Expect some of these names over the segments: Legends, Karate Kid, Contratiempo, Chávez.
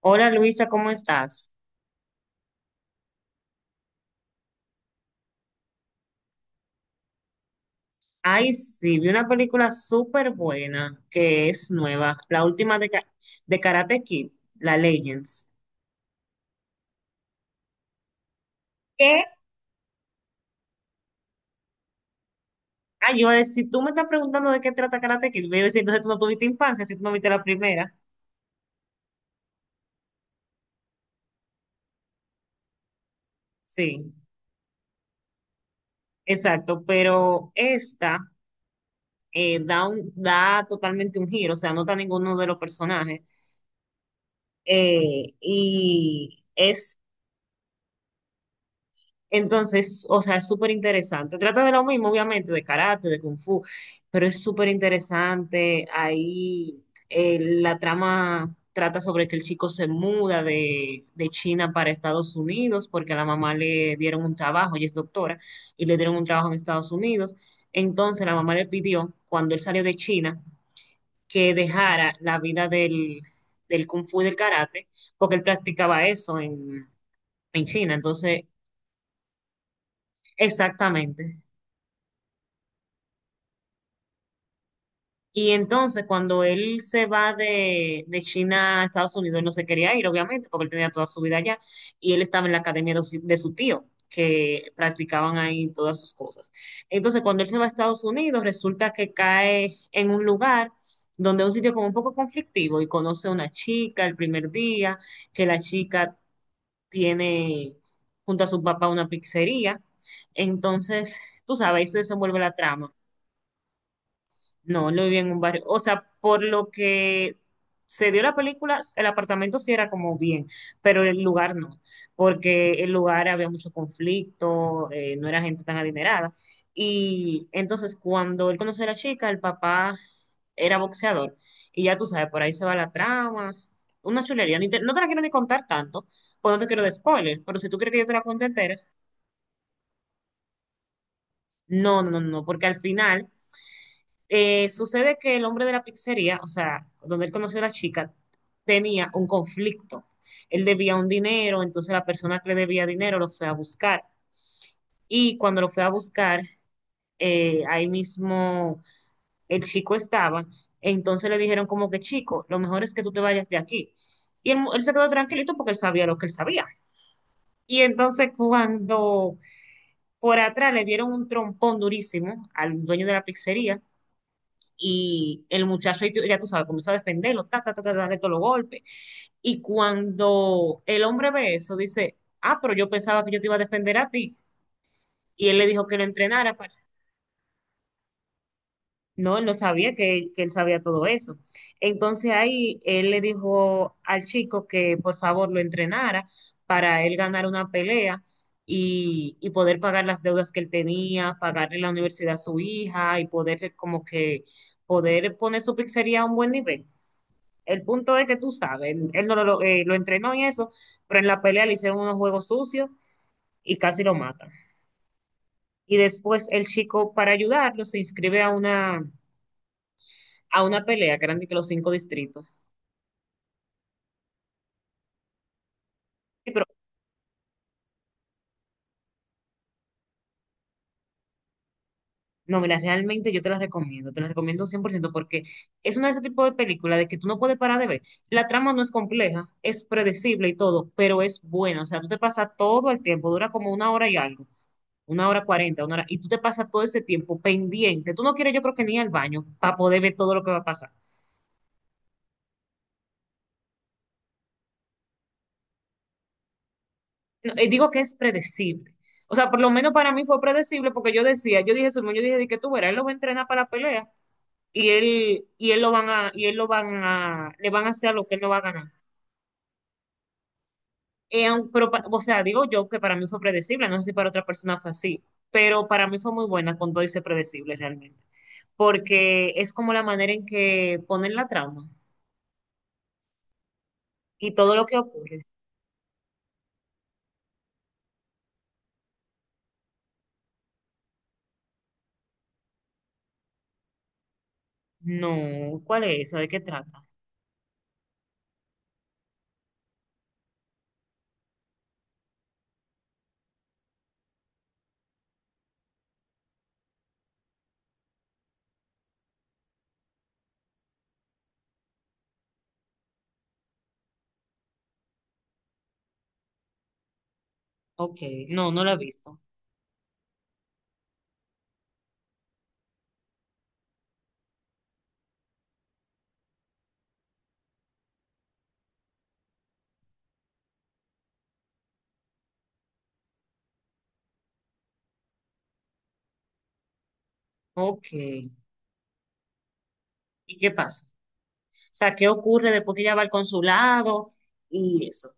Hola, Luisa, ¿cómo estás? Ay, sí, vi una película súper buena que es nueva, la última de Karate Kid, la Legends. ¿Qué? Ay, yo, si tú me estás preguntando de qué trata Karate Kid, yo iba a decir, entonces tú no tuviste infancia, si tú no viste la primera. Sí, exacto, pero esta da totalmente un giro. O sea, no está ninguno de los personajes. Y es Entonces, o sea, es súper interesante. Trata de lo mismo, obviamente, de karate, de kung fu, pero es súper interesante. Ahí La trama trata sobre que el chico se muda de China para Estados Unidos porque a la mamá le dieron un trabajo, ella es doctora, y le dieron un trabajo en Estados Unidos. Entonces, la mamá le pidió, cuando él salió de China, que dejara la vida del, del kung fu y del karate, porque él practicaba eso en China. Entonces, exactamente. Y entonces cuando él se va de China a Estados Unidos, él no se quería ir, obviamente, porque él tenía toda su vida allá y él estaba en la academia de su tío, que practicaban ahí todas sus cosas. Entonces cuando él se va a Estados Unidos, resulta que cae en un lugar donde es un sitio como un poco conflictivo y conoce a una chica el primer día, que la chica tiene junto a su papá una pizzería. Entonces, tú sabes, ahí se desenvuelve la trama. No, no vivía en un barrio. O sea, por lo que se dio la película, el apartamento sí era como bien, pero el lugar no, porque el lugar había mucho conflicto, no era gente tan adinerada. Y entonces cuando él conoció a la chica, el papá era boxeador. Y ya tú sabes, por ahí se va la trama. Una chulería. Ni te- No te la quiero ni contar tanto, pues no te quiero de spoiler, pero si tú quieres que yo te la cuente entera, no, no, no, no, porque al final, sucede que el hombre de la pizzería, o sea, donde él conoció a la chica, tenía un conflicto. Él debía un dinero, entonces la persona que le debía dinero lo fue a buscar. Y cuando lo fue a buscar, ahí mismo el chico estaba. Entonces le dijeron como que, chico, lo mejor es que tú te vayas de aquí. Y él se quedó tranquilito porque él sabía lo que él sabía. Y entonces cuando por atrás le dieron un trompón durísimo al dueño de la pizzería, y el muchacho, ya tú sabes, comienza a defenderlo, ta, ta, ta, ta, darle todos los golpes. Y cuando el hombre ve eso, dice, ah, pero yo pensaba que yo te iba a defender a ti. Y él le dijo que lo entrenara para... No, él no sabía que él sabía todo eso. Entonces ahí él le dijo al chico que por favor lo entrenara para él ganar una pelea y poder pagar las deudas que él tenía, pagarle la universidad a su hija y poder como que poder poner su pizzería a un buen nivel. El punto es que tú sabes, él no lo, lo entrenó en eso, pero en la pelea le hicieron unos juegos sucios y casi lo matan. Y después el chico, para ayudarlo, se inscribe a a una pelea que eran de que los cinco distritos. Sí, pero No, mira, realmente yo te las recomiendo 100% porque es una de ese tipo de películas de que tú no puedes parar de ver. La trama no es compleja, es predecible y todo, pero es buena. O sea, tú te pasas todo el tiempo, dura como una hora y algo, una hora cuarenta, una hora, y tú te pasas todo ese tiempo pendiente. Tú no quieres, yo creo que ni ir al baño para poder ver todo lo que va a pasar. No, digo que es predecible. O sea, por lo menos para mí fue predecible porque yo decía, yo dije, Simón, yo dije de que tú verás, él lo va a entrenar para la pelea y él lo van a, le van a hacer lo que él no va a ganar. O sea, digo yo que para mí fue predecible, no sé si para otra persona fue así, pero para mí fue muy buena cuando hice predecible realmente, porque es como la manera en que ponen la trama y todo lo que ocurre. No, ¿cuál es esa? ¿De qué trata? Ok, no, no la he visto. Ok, ¿y qué pasa? O sea, ¿qué ocurre después que ella va al consulado y eso?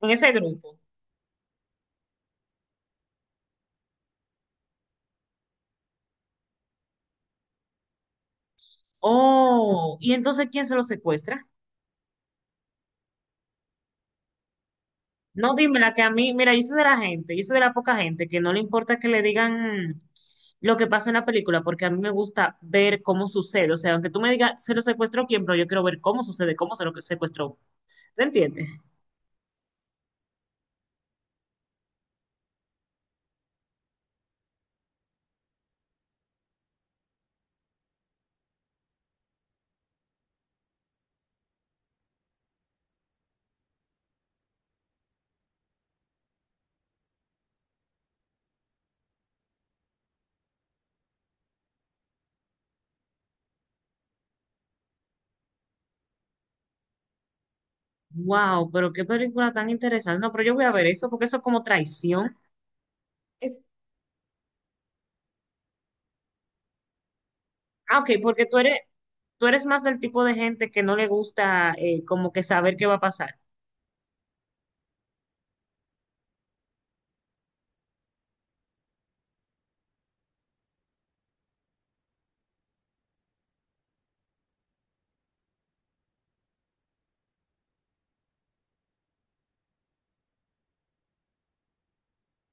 Con ese grupo. Oh, ¿y entonces quién se lo secuestra? No, dímela que a mí, mira, yo soy de la gente, yo soy de la poca gente que no le importa que le digan lo que pasa en la película, porque a mí me gusta ver cómo sucede. O sea, aunque tú me digas, se lo secuestró quién, pero yo quiero ver cómo sucede, cómo se lo secuestró. ¿Te entiendes? Wow, pero qué película tan interesante. No, pero yo voy a ver eso, porque eso es como traición. Es, ok, porque tú eres más del tipo de gente que no le gusta como que saber qué va a pasar.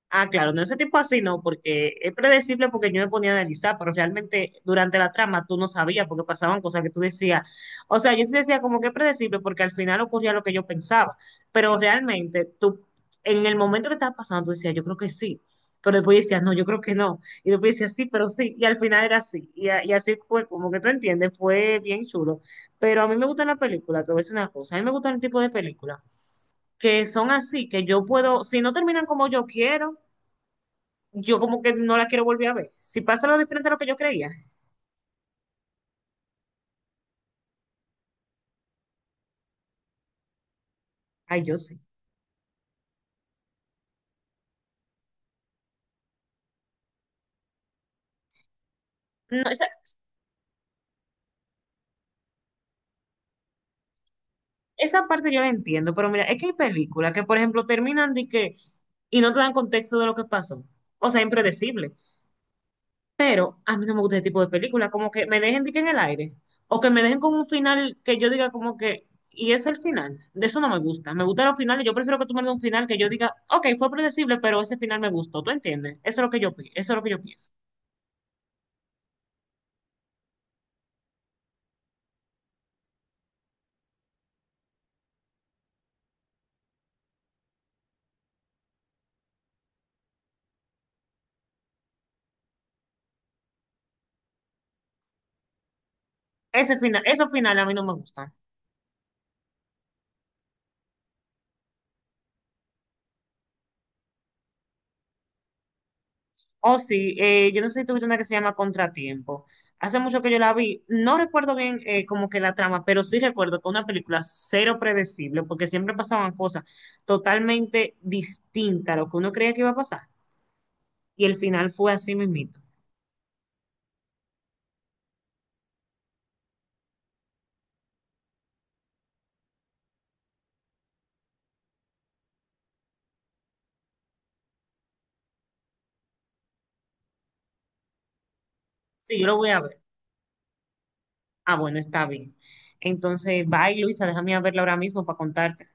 Ah, claro, no ese tipo así no, porque es predecible porque yo me ponía a analizar, pero realmente durante la trama tú no sabías porque pasaban cosas que tú decías. O sea, yo sí decía como que es predecible porque al final ocurría lo que yo pensaba, pero realmente tú, en el momento que estaba pasando, tú decías, yo creo que sí, pero después decías, no, yo creo que no, y después decías, sí, pero sí, y al final era así, y así fue, como que tú entiendes, fue bien chulo. Pero a mí me gustan las películas, te voy a decir una cosa, a mí me gustan el tipo de películas que son así, que yo puedo, si no terminan como yo quiero, yo como que no la quiero volver a ver. Si pasa lo diferente a lo que yo creía, ay, yo sí. No, esa parte yo la entiendo, pero mira, es que hay películas que, por ejemplo, terminan de que y no te dan contexto de lo que pasó. O sea, impredecible. Pero a mí no me gusta ese tipo de películas, como que me dejen de que en el aire. O que me dejen con un final que yo diga como que, y es el final. De eso no me gusta. Me gustan los finales. Yo prefiero que tú me des un final que yo diga, ok, fue predecible, pero ese final me gustó. ¿Tú entiendes? Eso es lo que yo, eso es lo que yo pienso. Ese final, esos finales a mí no me gustan. Oh, sí, yo no sé si tuviste una que se llama Contratiempo. Hace mucho que yo la vi. No recuerdo bien como que la trama, pero sí recuerdo que una película cero predecible, porque siempre pasaban cosas totalmente distintas a lo que uno creía que iba a pasar. Y el final fue así mismito. Sí, yo lo voy a ver. Ah, bueno, está bien. Entonces, bye, Luisa, déjame a verla ahora mismo para contarte.